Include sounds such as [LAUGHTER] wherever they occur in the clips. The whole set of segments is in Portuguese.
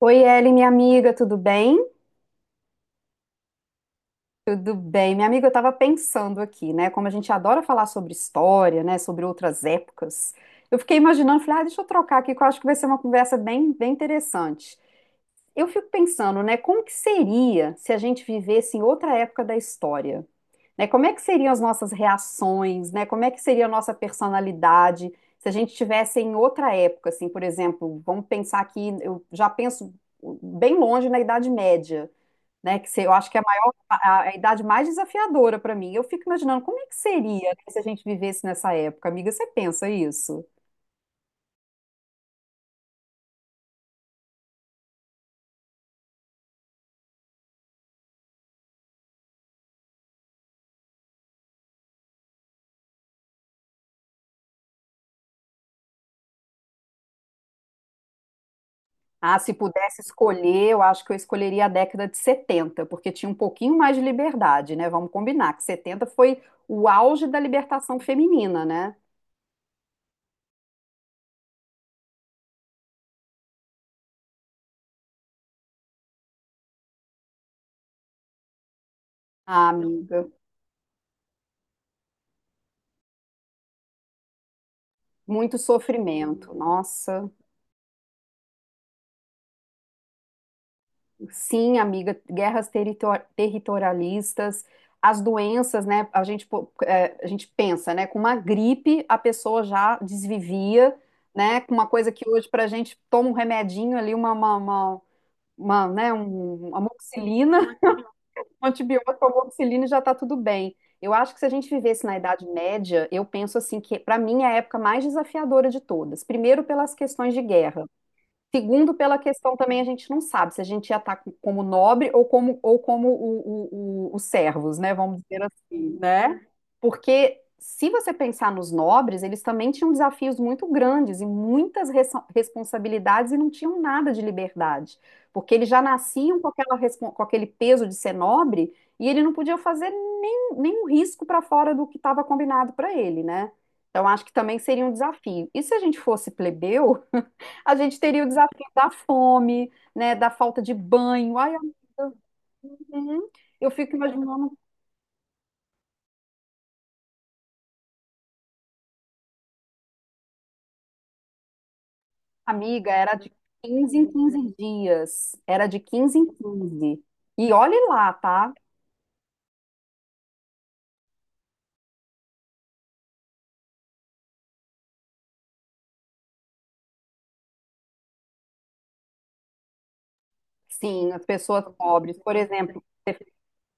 Oi, Ellen, minha amiga, tudo bem? Tudo bem. Minha amiga, eu estava pensando aqui, né? Como a gente adora falar sobre história, né? Sobre outras épocas. Eu fiquei imaginando, falei, ah, deixa eu trocar aqui, que eu acho que vai ser uma conversa bem interessante. Eu fico pensando, né? Como que seria se a gente vivesse em outra época da história? Né? Como é que seriam as nossas reações, né? Como é que seria a nossa personalidade se a gente estivesse em outra época, assim, por exemplo, vamos pensar aqui, eu já penso bem longe na Idade Média. Né? Que se- Eu acho que é a maior, a idade mais desafiadora para mim. Eu fico imaginando como é que seria, né, se a gente vivesse nessa época, amiga. Você pensa isso? Ah, se pudesse escolher, eu acho que eu escolheria a década de setenta porque tinha um pouquinho mais de liberdade, né? Vamos combinar que 70 foi o auge da libertação feminina, né? Ah, amiga, muito sofrimento. Nossa. Sim, amiga, territorialistas, as doenças, né? A gente, pô, é, a gente pensa, né? Com uma gripe, a pessoa já desvivia, né? Com uma coisa que hoje, para a gente, toma um remedinho ali, né? Uma amoxicilina, [LAUGHS] um antibiótico, uma amoxicilina e já tá tudo bem. Eu acho que se a gente vivesse na Idade Média, eu penso assim que, para mim, é a época mais desafiadora de todas. Primeiro, pelas questões de guerra. Segundo, pela questão também, a gente não sabe se a gente ia estar como nobre ou como os servos, né? Vamos dizer assim, né? Porque se você pensar nos nobres, eles também tinham desafios muito grandes e muitas responsabilidades e não tinham nada de liberdade, porque eles já nasciam com aquela com aquele peso de ser nobre e ele não podia fazer nem, nenhum risco para fora do que estava combinado para ele, né? Então, acho que também seria um desafio. E se a gente fosse plebeu? [LAUGHS] A gente teria o desafio da fome, né, da falta de banho. Ai, amiga, uhum. Eu fico imaginando, amiga, era de 15 em 15 dias, era de quinze em quinze. E olhe lá, tá? Sim, as pessoas pobres, por exemplo, você.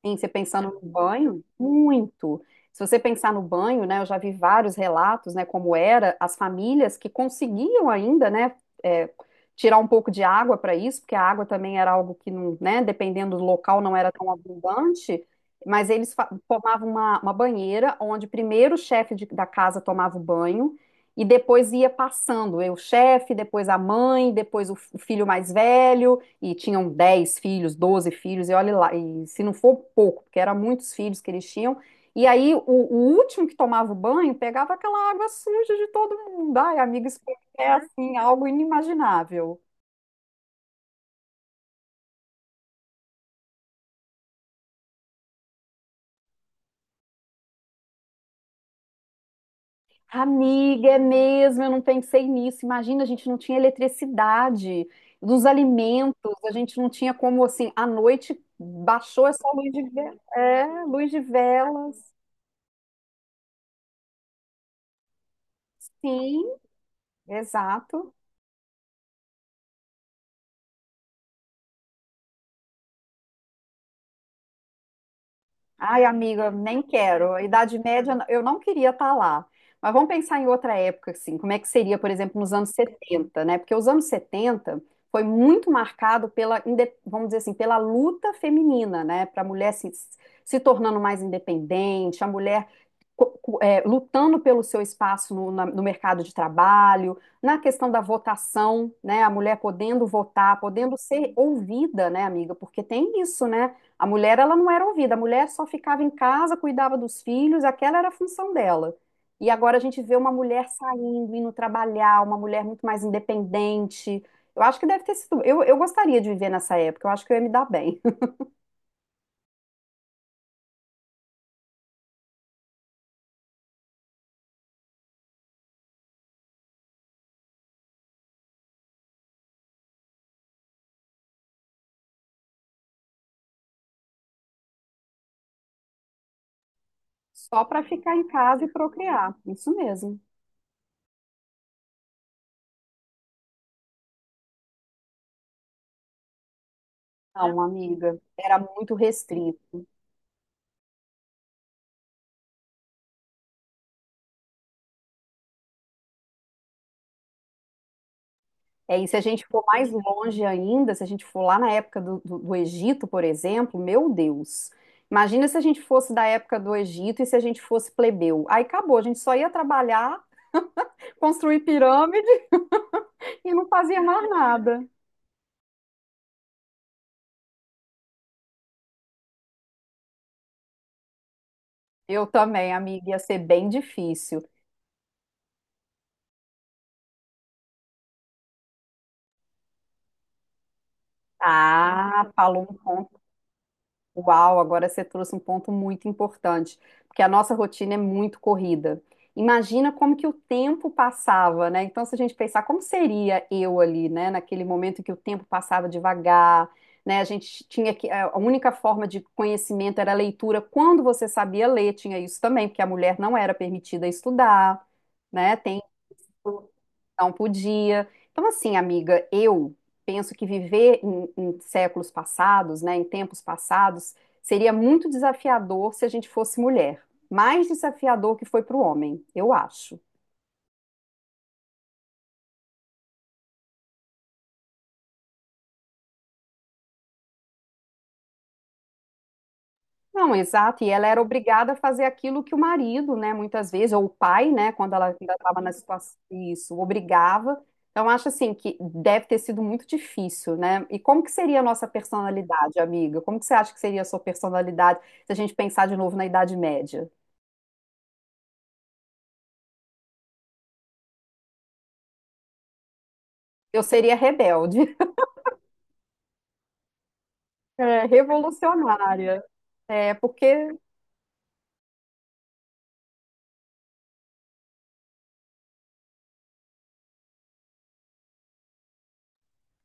Sim, você pensando no banho, muito. Se você pensar no banho, né, eu já vi vários relatos, né, como era as famílias que conseguiam ainda, né, é, tirar um pouco de água para isso, porque a água também era algo que não, né, dependendo do local não era tão abundante, mas eles formavam uma banheira onde primeiro o da casa tomava o banho e depois ia passando, eu, o chefe, depois a mãe, depois o o filho mais velho e tinham 10 filhos, 12 filhos, e olha lá, e se não for pouco, porque eram muitos filhos que eles tinham, e aí o último que tomava o banho pegava aquela água suja de todo mundo. Ai, amiga, isso é assim, algo inimaginável. Amiga, é mesmo, eu não pensei nisso. Imagina, a gente não tinha eletricidade dos alimentos, a gente não tinha como, assim, à noite baixou essa luz de velas. É, luz de velas. Sim, exato. Ai, amiga, nem quero. A Idade Média, eu não queria estar lá. Mas vamos pensar em outra época, assim, como é que seria, por exemplo, nos anos 70, né? Porque os anos 70 foi muito marcado pela, vamos dizer assim, pela luta feminina, né? Para a mulher se, se tornando mais independente, a mulher é, lutando pelo seu espaço no, no mercado de trabalho, na questão da votação, né? A mulher podendo votar, podendo ser ouvida, né, amiga? Porque tem isso, né? A mulher, ela não era ouvida, a mulher só ficava em casa, cuidava dos filhos, aquela era a função dela. E agora a gente vê uma mulher saindo, indo trabalhar, uma mulher muito mais independente. Eu acho que deve ter sido. Eu gostaria de viver nessa época, eu acho que eu ia me dar bem. [LAUGHS] Só para ficar em casa e procriar. Isso mesmo. Não, amiga, era muito restrito. É, e se a gente for mais longe ainda, se a gente for lá na época do Egito, por exemplo, meu Deus. Imagina se a gente fosse da época do Egito e se a gente fosse plebeu. Aí acabou, a gente só ia trabalhar, construir pirâmide [LAUGHS] e não fazia mais nada. Eu também, amiga, ia ser bem difícil. Ah, falou um. Uau, agora você trouxe um ponto muito importante, porque a nossa rotina é muito corrida. Imagina como que o tempo passava, né? Então, se a gente pensar como seria eu ali, né, naquele momento em que o tempo passava devagar, né? A gente tinha que a única forma de conhecimento era a leitura. Quando você sabia ler, tinha isso também, porque a mulher não era permitida estudar, né? Tem, não podia. Então, assim, amiga, eu penso que viver em séculos passados, né, em tempos passados, seria muito desafiador se a gente fosse mulher. Mais desafiador que foi para o homem, eu acho. Não, exato. E ela era obrigada a fazer aquilo que o marido, né, muitas vezes, ou o pai, né, quando ela ainda estava na situação, isso, obrigava. Então, acho assim que deve ter sido muito difícil, né? E como que seria a nossa personalidade, amiga? Como que você acha que seria a sua personalidade se a gente pensar de novo na Idade Média? Eu seria rebelde, [LAUGHS] é, revolucionária. É, porque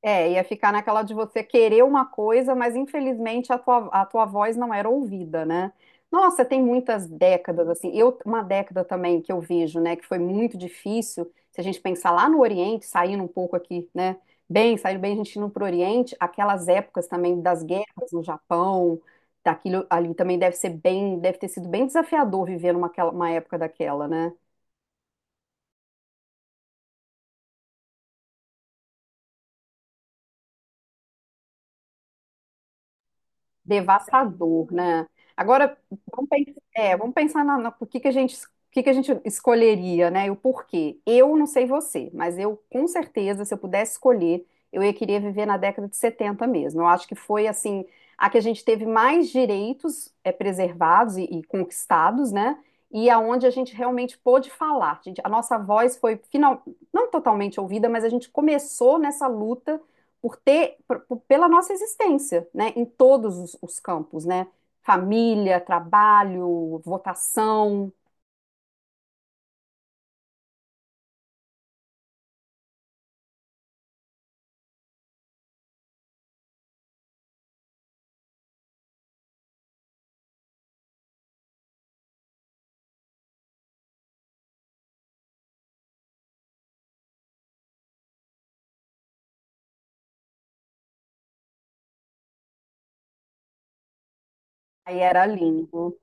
é, ia ficar naquela de você querer uma coisa, mas infelizmente a tua voz não era ouvida, né? Nossa, tem muitas décadas, assim. Eu, uma década também que eu vejo, né, que foi muito difícil, se a gente pensar lá no Oriente, saindo um pouco aqui, né? Bem, saindo bem, a gente indo para o Oriente, aquelas épocas também das guerras no Japão, daquilo ali também deve ser bem, deve ter sido bem desafiador viver numa uma época daquela, né? Devastador, né? Agora, vamos pensar, é, vamos pensar por que que a gente, o que que a gente escolheria, né? E o porquê. Eu não sei você, mas eu, com certeza, se eu pudesse escolher, eu ia querer viver na década de 70 mesmo. Eu acho que foi, assim, a que a gente teve mais direitos é, preservados e conquistados, né? E aonde a gente realmente pôde falar. Gente, a nossa voz foi, final, não totalmente ouvida, mas a gente começou nessa luta por ter, pela nossa existência, né, em todos os campos, né, família, trabalho, votação, aí era lindo.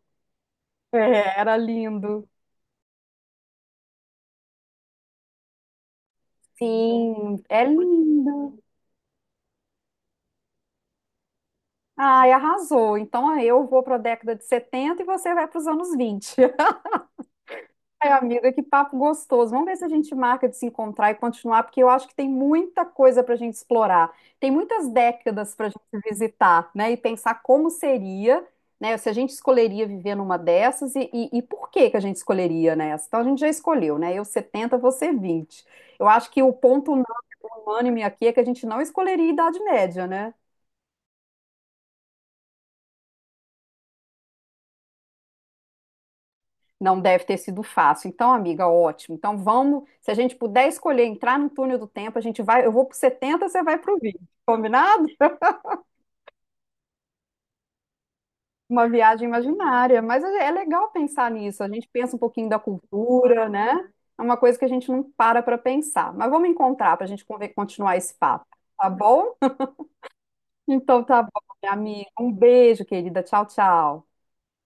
É, era lindo. Sim, é lindo. Ai, arrasou. Então eu vou para a década de 70 e você vai para os anos 20. Ai, amiga, que papo gostoso. Vamos ver se a gente marca de se encontrar e continuar, porque eu acho que tem muita coisa para a gente explorar. Tem muitas décadas para a gente visitar, né? E pensar como seria, né? Se a gente escolheria viver numa dessas e por que que a gente escolheria nessa. Então a gente já escolheu, né? Eu 70 você vinte. Eu acho que o ponto não unânime aqui é que a gente não escolheria Idade Média, né? Não deve ter sido fácil. Então, amiga, ótimo. Então, vamos, se a gente puder escolher entrar no túnel do tempo, a gente vai, eu vou pro 70, você vai pro 20. Combinado? Uma viagem imaginária, mas é legal pensar nisso. A gente pensa um pouquinho da cultura, né? É uma coisa que a gente não para para pensar. Mas vamos encontrar para a gente continuar esse papo, tá bom? Então tá bom, minha amiga. Um beijo, querida. Tchau, tchau.